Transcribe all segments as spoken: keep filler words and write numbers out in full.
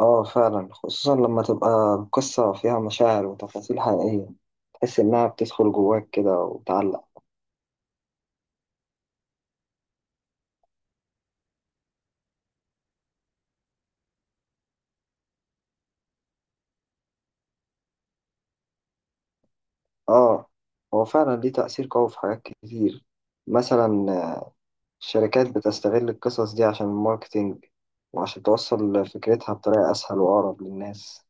اه، فعلا، خصوصا لما تبقى القصة فيها مشاعر وتفاصيل حقيقية. تحس إنها بتدخل جواك كده وتعلق. اه، هو فعلا ليه تأثير قوي في حاجات كتير. مثلا آه، الشركات بتستغل القصص دي عشان الماركتينج، وعشان توصل فكرتها بطريقة أسهل وأقرب للناس.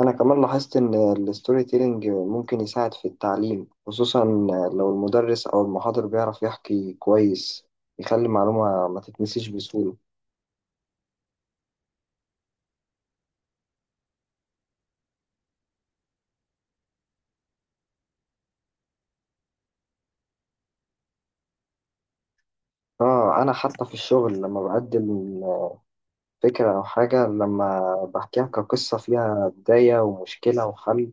أنا كمان لاحظت إن الستوري تيلينج ممكن يساعد في التعليم، خصوصا لو المدرس أو المحاضر بيعرف يحكي كويس، يخلي المعلومة ما تتنسيش بسهولة. اه، انا حتى في الشغل لما بقدم فكرة او حاجة، لما بحكيها كقصة فيها بداية ومشكلة وحل،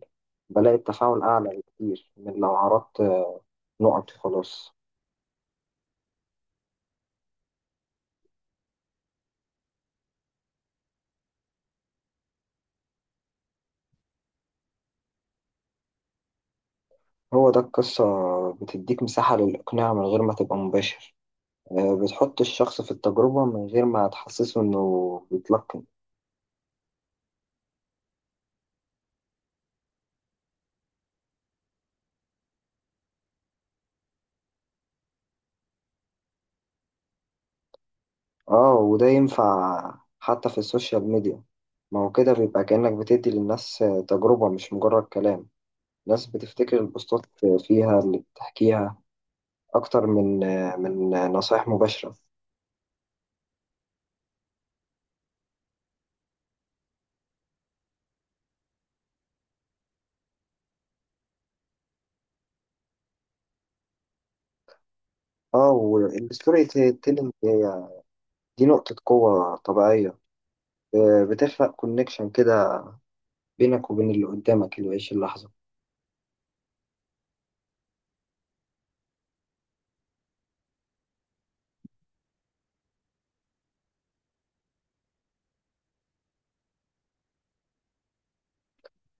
بلاقي التفاعل اعلى بكتير من لو عرضت نقط وخلاص. هو ده القصة، بتديك مساحة للاقناع من غير ما تبقى مباشر. آه، بتحط الشخص في التجربة من غير ما تحسسه انه بيتلقن. اه، وده ينفع حتى في السوشيال ميديا. ما هو كده بيبقى كأنك بتدي للناس تجربة مش مجرد كلام. ناس بتفتكر البوستات فيها اللي بتحكيها أكتر من من نصائح مباشرة. اه، والستوري تيلينج هي دي نقطة قوة طبيعية. آه، بتخلق كونكشن كده بينك وبين اللي قدامك اللي بيعيش اللحظة.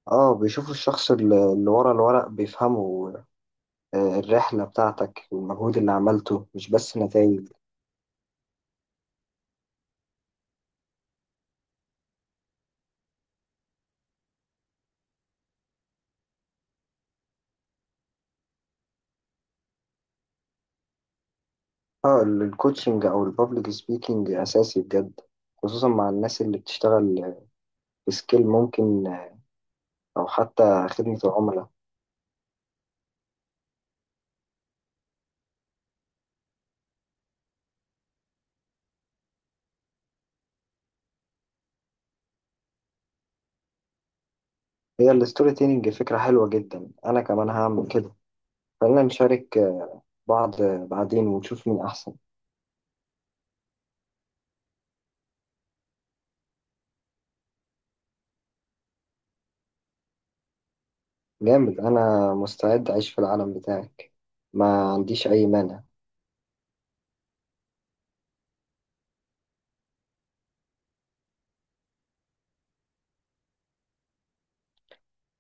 اه، بيشوفوا الشخص اللي اللي ورا الورق، بيفهموا آه، الرحلة بتاعتك والمجهود اللي عملته مش بس نتائج. اه، ال- الكوتشنج أو البابليك سبيكينج أساسي بجد، خصوصا مع الناس اللي بتشتغل في سكيل ممكن، أو حتى خدمة العملاء. هي الستوري تيلينج فكرة حلوة جدا، أنا كمان هعمل كده. خلينا نشارك بعض بعدين ونشوف مين أحسن. جامد، أنا مستعد أعيش في العالم بتاعك، ما عنديش أي مانع.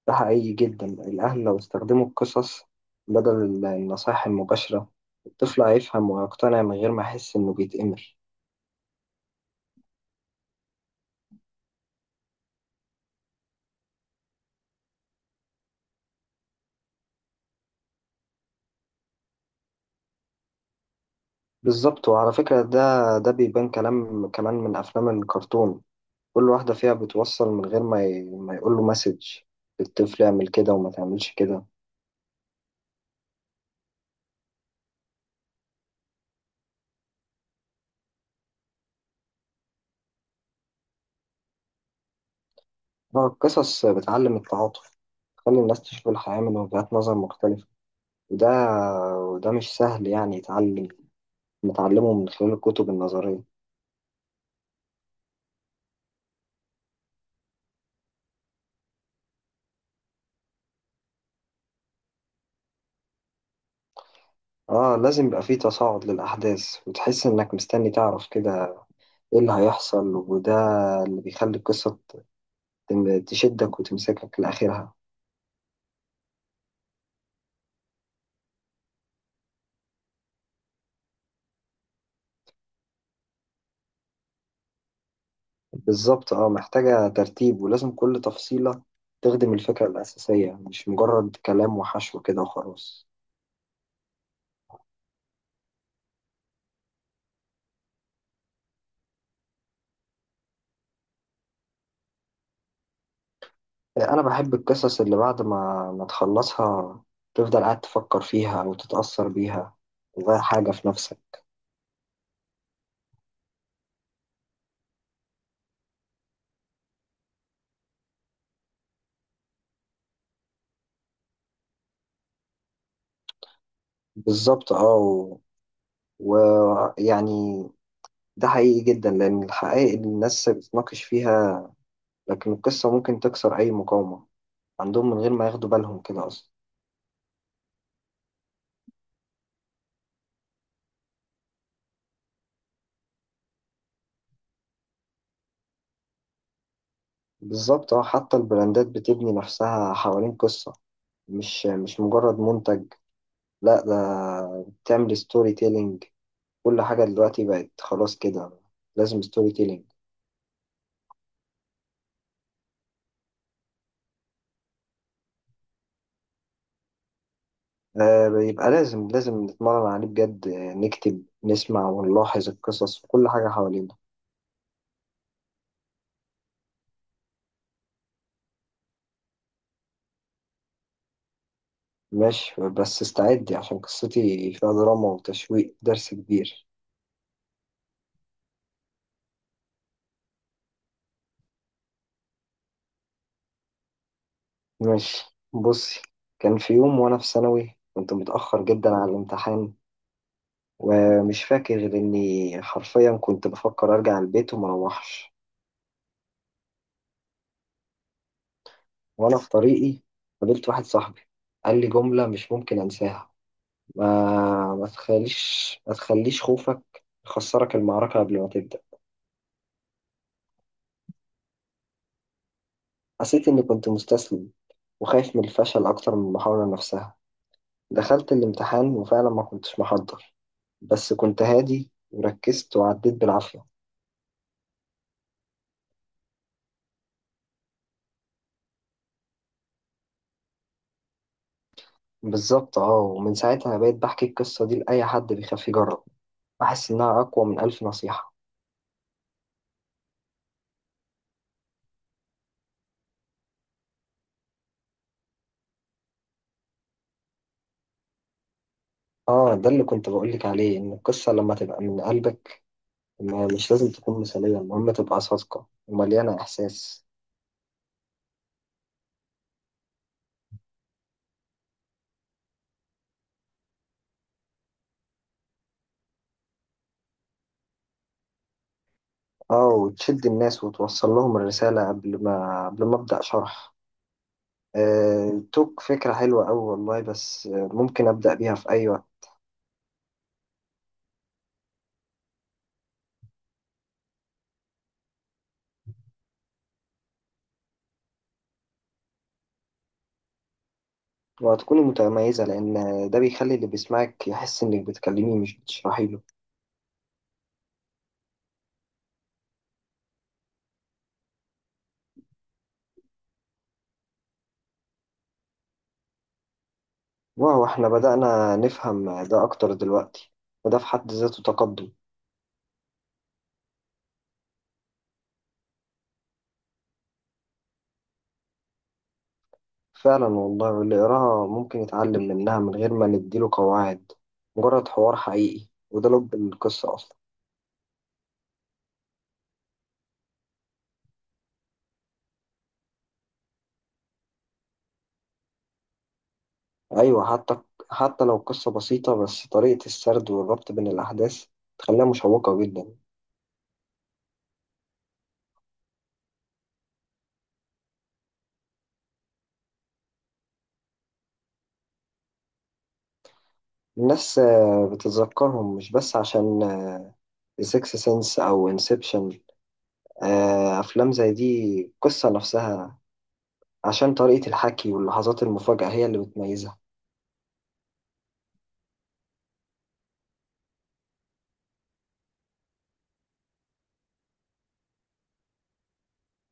ده حقيقي جدا. الأهل لو استخدموا القصص بدل النصائح المباشرة، الطفل هيفهم ويقتنع من غير ما يحس إنه بيتأمر. بالظبط. وعلى فكرة، ده ده بيبان كلام كمان من أفلام الكرتون، كل واحدة فيها بتوصل من غير ما ي... ما يقول له مسج الطفل اعمل كده وما تعملش كده. هو القصص بتعلم التعاطف، تخلي الناس تشوف الحياة من وجهات نظر مختلفة، وده وده مش سهل يعني يتعلم، نتعلمه من خلال الكتب النظرية. اه، لازم يبقى فيه تصاعد للأحداث، وتحس إنك مستني تعرف كده إيه اللي هيحصل، وده اللي بيخلي القصة تم- تشدك وتمسكك لآخرها. بالظبط. اه، محتاجة ترتيب، ولازم كل تفصيلة تخدم الفكرة الأساسية، مش مجرد كلام وحشو كده وخلاص. انا بحب القصص اللي بعد ما ما تخلصها تفضل قاعد تفكر فيها او تتأثر بيها، تغير حاجة في نفسك. بالظبط. اه و- ويعني ده حقيقي جدا، لان الحقائق اللي الناس بتناقش فيها، لكن القصة ممكن تكسر اي مقاومة عندهم من غير ما ياخدوا بالهم كده اصلا. بالظبط. اه، حتى البراندات بتبني نفسها حوالين قصة، مش مش مجرد منتج. لا، ده بتعمل ستوري تيلينج. كل حاجة دلوقتي بقت خلاص كده لازم ستوري تيلينج. آه، يبقى لازم لازم نتمرن عليه بجد، آه، نكتب، نسمع ونلاحظ القصص وكل حاجة حوالينا. ماشي، بس استعدي، عشان قصتي فيها دراما وتشويق درس كبير. ماشي، بصي. كان في يوم وأنا في ثانوي، كنت متأخر جدا على الامتحان، ومش فاكر غير إني حرفيا كنت بفكر أرجع البيت ومروحش. وأنا في طريقي، قابلت واحد صاحبي، قال لي جملة مش ممكن أنساها: ما ما تخليش ما تخليش خوفك يخسرك المعركة قبل ما تبدأ. حسيت إني كنت مستسلم، وخايف من الفشل أكتر من المحاولة نفسها. دخلت الامتحان وفعلا ما كنتش محضر، بس كنت هادي وركزت وعديت بالعافية. بالظبط. اه، ومن ساعتها بقيت بحكي القصة دي لأي حد بيخاف يجرب، بحس إنها أقوى من ألف نصيحة. اه، ده اللي كنت بقولك عليه، إن القصة لما تبقى من قلبك، ما- مش لازم تكون مثالية، المهم تبقى صادقة ومليانة إحساس. اه، وتشد الناس وتوصل لهم الرسالة قبل ما قبل ما أبدأ شرح. آه، توك فكرة حلوة أوي والله، بس آه، ممكن أبدأ بيها في أي وقت. وهتكوني متميزة، لأن ده بيخلي اللي بيسمعك يحس إنك بتكلميه مش بتشرحي له. واو، إحنا بدأنا نفهم ده أكتر دلوقتي، وده في حد ذاته تقدم. فعلا والله، واللي يقراها ممكن يتعلم منها من غير ما نديله قواعد، مجرد حوار حقيقي، وده لب القصة أصلا. أيوة. حتى حتى لو قصة بسيطة، بس طريقة السرد والربط بين الأحداث تخليها مشوقة جدا. الناس آه، بتتذكرهم مش بس عشان سيكس سنس أو انسبشن. أفلام زي دي قصة نفسها، عشان طريقة الحكي واللحظات المفاجئة هي اللي بتميزها.